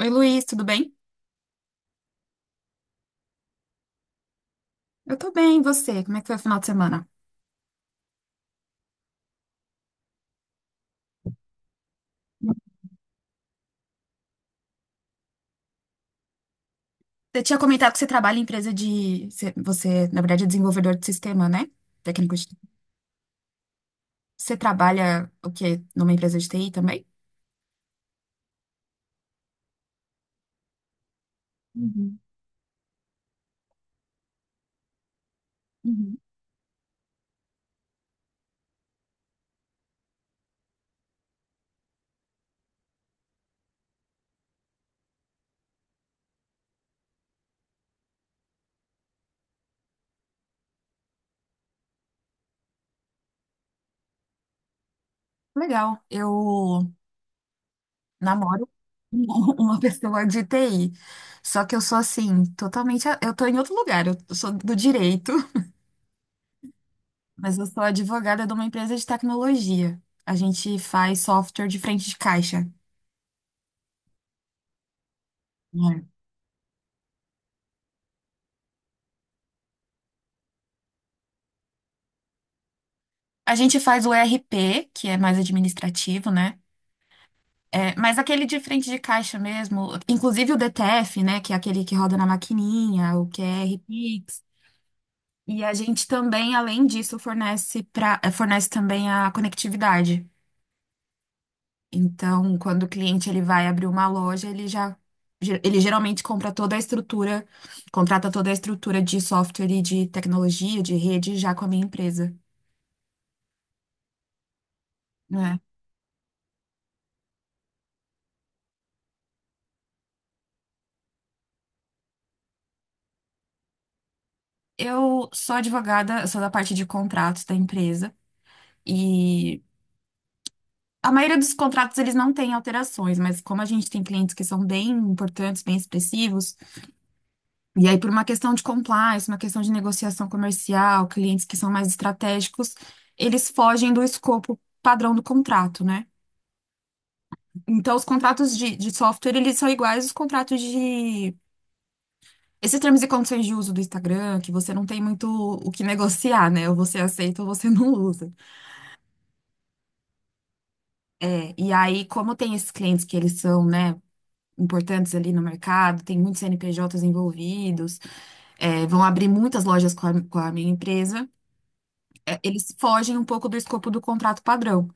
Oi, Luiz, tudo bem? Eu tô bem, e você? Como é que foi o final de semana? Você tinha comentado que você trabalha em empresa de. Você, na verdade, é desenvolvedor de sistema, né? Técnico de. Você trabalha o quê? Numa empresa de TI também? Uhum, uhum. Legal. Eu namoro uma pessoa de TI. Só que eu sou assim, totalmente. Eu tô em outro lugar. Eu sou do direito, mas eu sou advogada de uma empresa de tecnologia. A gente faz software de frente de caixa, né? A gente faz o ERP, que é mais administrativo, né? É, mas aquele de frente de caixa mesmo, inclusive o DTF, né? Que é aquele que roda na maquininha, o QR Pix. E a gente também, além disso, fornece, pra, fornece também a conectividade. Então, quando o cliente ele vai abrir uma loja, ele já ele geralmente compra toda a estrutura, contrata toda a estrutura de software e de tecnologia, de rede, já com a minha empresa, né? Eu sou advogada, eu sou da parte de contratos da empresa. E a maioria dos contratos eles não têm alterações, mas como a gente tem clientes que são bem importantes, bem expressivos, e aí por uma questão de compliance, uma questão de negociação comercial, clientes que são mais estratégicos, eles fogem do escopo padrão do contrato, né? Então os contratos de software eles são iguais aos contratos de esses termos e condições de uso do Instagram, que você não tem muito o que negociar, né? Ou você aceita ou você não usa. É, e aí, como tem esses clientes que eles são, né, importantes ali no mercado, tem muitos CNPJs envolvidos, é, vão abrir muitas lojas com a minha empresa, é, eles fogem um pouco do escopo do contrato padrão.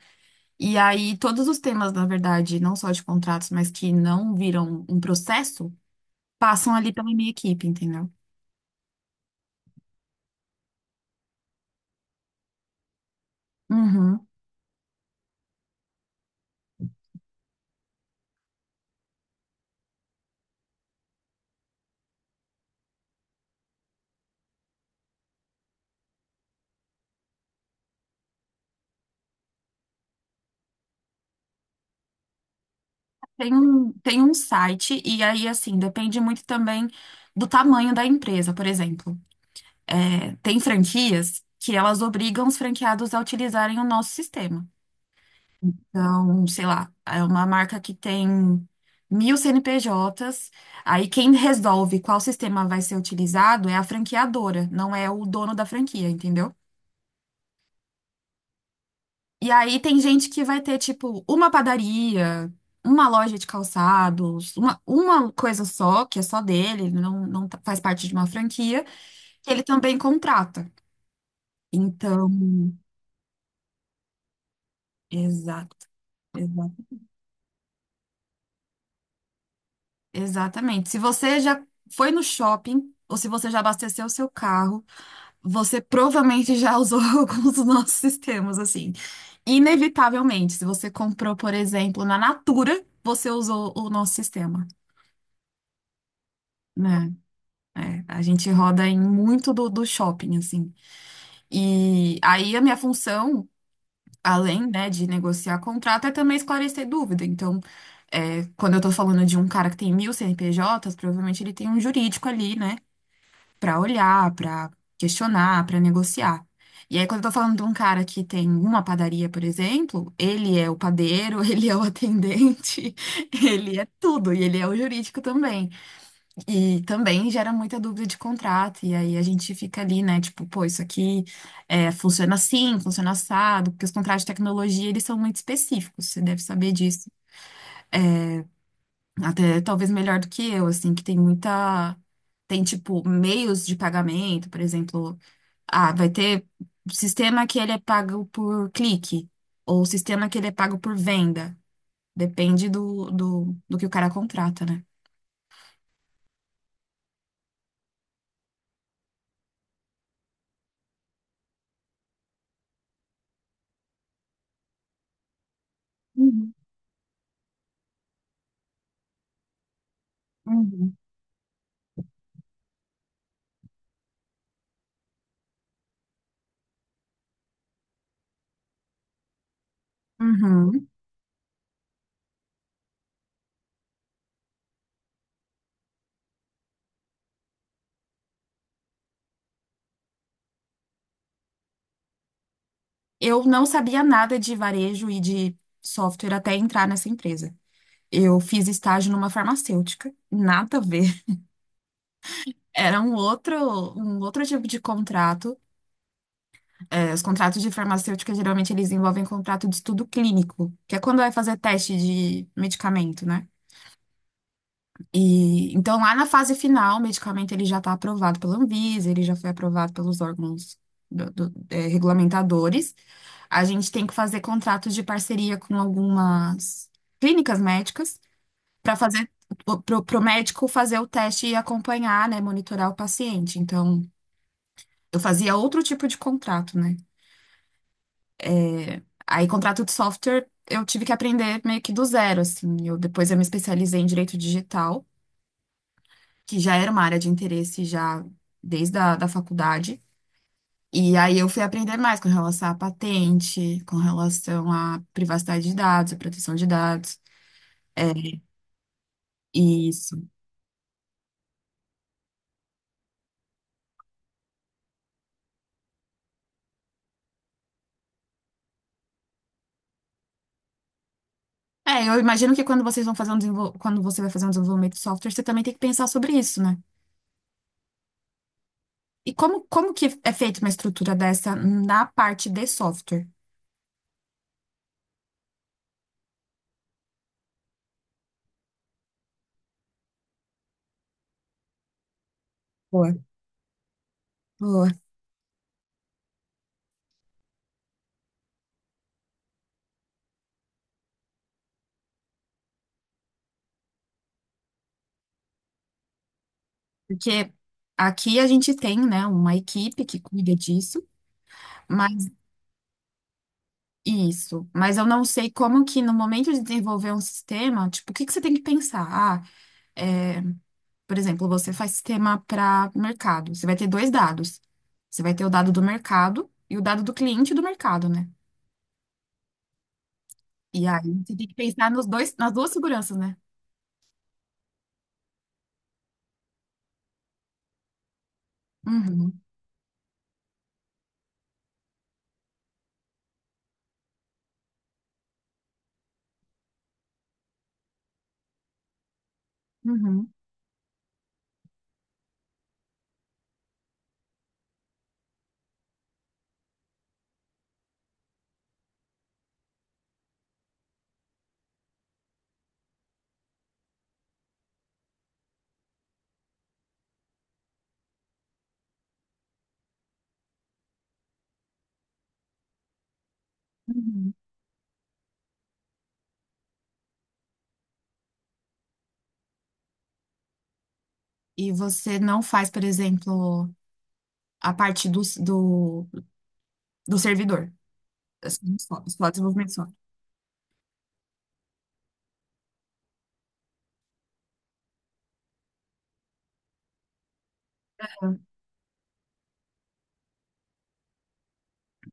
E aí, todos os temas, na verdade, não só de contratos, mas que não viram um processo, passam ali pela minha equipe, entendeu? Uhum. Tem um site, e aí, assim, depende muito também do tamanho da empresa, por exemplo. É, tem franquias que elas obrigam os franqueados a utilizarem o nosso sistema. Então, sei lá, é uma marca que tem mil CNPJs. Aí quem resolve qual sistema vai ser utilizado é a franqueadora, não é o dono da franquia, entendeu? E aí tem gente que vai ter, tipo, uma padaria, uma loja de calçados, uma coisa só, que é só dele, ele não, não tá- faz parte de uma franquia, que ele também contrata. Então, exato, exato. Exatamente. Se você já foi no shopping, ou se você já abasteceu o seu carro, você provavelmente já usou alguns dos nossos sistemas, assim. Inevitavelmente, se você comprou, por exemplo, na Natura, você usou o nosso sistema, né? É, a gente roda em muito do shopping, assim. E aí a minha função, além, né, de negociar contrato, é também esclarecer dúvida. Então, é, quando eu tô falando de um cara que tem mil CNPJs, provavelmente ele tem um jurídico ali, né? Para olhar, para questionar, para negociar. E aí, quando eu tô falando de um cara que tem uma padaria, por exemplo, ele é o padeiro, ele é o atendente, ele é tudo, e ele é o jurídico também. E também gera muita dúvida de contrato, e aí a gente fica ali, né, tipo, pô, isso aqui é, funciona assim, funciona assado, porque os contratos de tecnologia, eles são muito específicos, você deve saber disso. Até talvez melhor do que eu, assim, que tem muita. Tem, tipo, meios de pagamento, por exemplo. Ah, vai ter sistema que ele é pago por clique, ou sistema que ele é pago por venda. Depende do que o cara contrata, né? Uhum, uhum. Uhum. Eu não sabia nada de varejo e de software até entrar nessa empresa. Eu fiz estágio numa farmacêutica, nada a ver. Era um outro tipo de contrato. É, os contratos de farmacêutica, geralmente, eles envolvem contrato de estudo clínico, que é quando vai fazer teste de medicamento, né? E, então, lá na fase final, o medicamento ele já está aprovado pela Anvisa, ele já foi aprovado pelos órgãos regulamentadores. A gente tem que fazer contratos de parceria com algumas clínicas médicas para fazer para o médico fazer o teste e acompanhar, né, monitorar o paciente. Então, eu fazia outro tipo de contrato, né? Aí, contrato de software, eu tive que aprender meio que do zero, assim. Eu, depois eu me especializei em direito digital, que já era uma área de interesse já desde a da faculdade. E aí eu fui aprender mais com relação à patente, com relação à privacidade de dados, à proteção de dados. É, isso. É, eu imagino que quando você vai fazer um desenvolvimento de software, você também tem que pensar sobre isso, né? E como que é feita uma estrutura dessa na parte de software? Boa. Boa. Porque aqui a gente tem, né, uma equipe que cuida disso, mas isso. Mas eu não sei como que no momento de desenvolver um sistema, tipo, o que que você tem que pensar? Ah, é, por exemplo, você faz sistema para mercado. Você vai ter dois dados. Você vai ter o dado do mercado e o dado do cliente do mercado, né? E aí você tem que pensar nos dois, nas duas seguranças, né? Uhum, uhum, uhum. E você não faz, por exemplo, a parte do servidor. Assim, só desenvolvimento.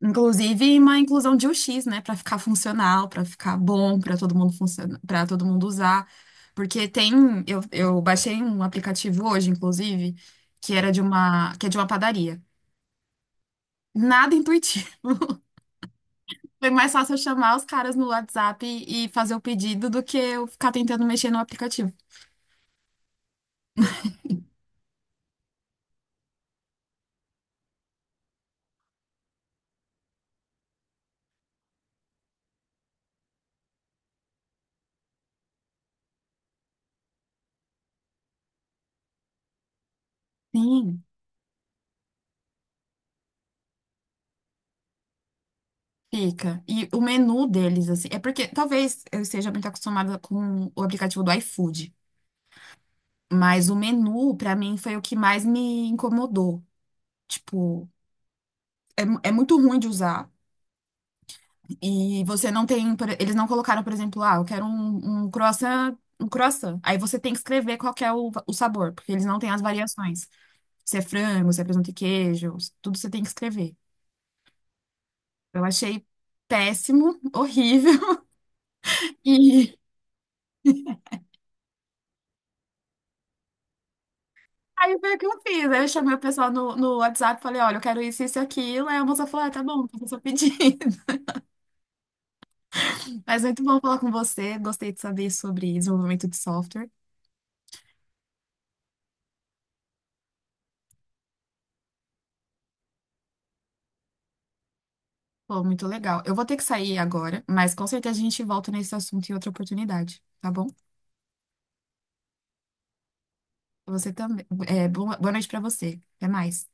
Inclusive uma inclusão de UX, né, para ficar funcional, para ficar bom, para todo mundo funcionar, para todo mundo usar. Porque tem, eu baixei um aplicativo hoje, inclusive, que era de uma, que é de uma padaria. Nada intuitivo. Foi mais fácil eu chamar os caras no WhatsApp e fazer o pedido do que eu ficar tentando mexer no aplicativo. Sim, fica. E o menu deles, assim, é porque talvez eu esteja muito acostumada com o aplicativo do iFood, mas o menu, pra mim, foi o que mais me incomodou. Tipo, é, é muito ruim de usar. E você não tem. Eles não colocaram, por exemplo, ah, eu quero um croissant, um croissant. Aí você tem que escrever qual que é o sabor, porque eles não têm as variações. Se é frango, se é presunto e queijo, tudo você tem que escrever. Eu achei péssimo, horrível. E aí foi o que eu fiz. Aí eu chamei o pessoal no WhatsApp e falei, olha, eu quero isso, isso e aquilo. Aí a moça falou, ah, tá bom, faça o seu pedido. Mas muito bom falar com você. Gostei de saber sobre desenvolvimento de software. Pô, muito legal. Eu vou ter que sair agora, mas com certeza a gente volta nesse assunto em outra oportunidade, tá bom? Você também. É, boa noite pra você. Até mais.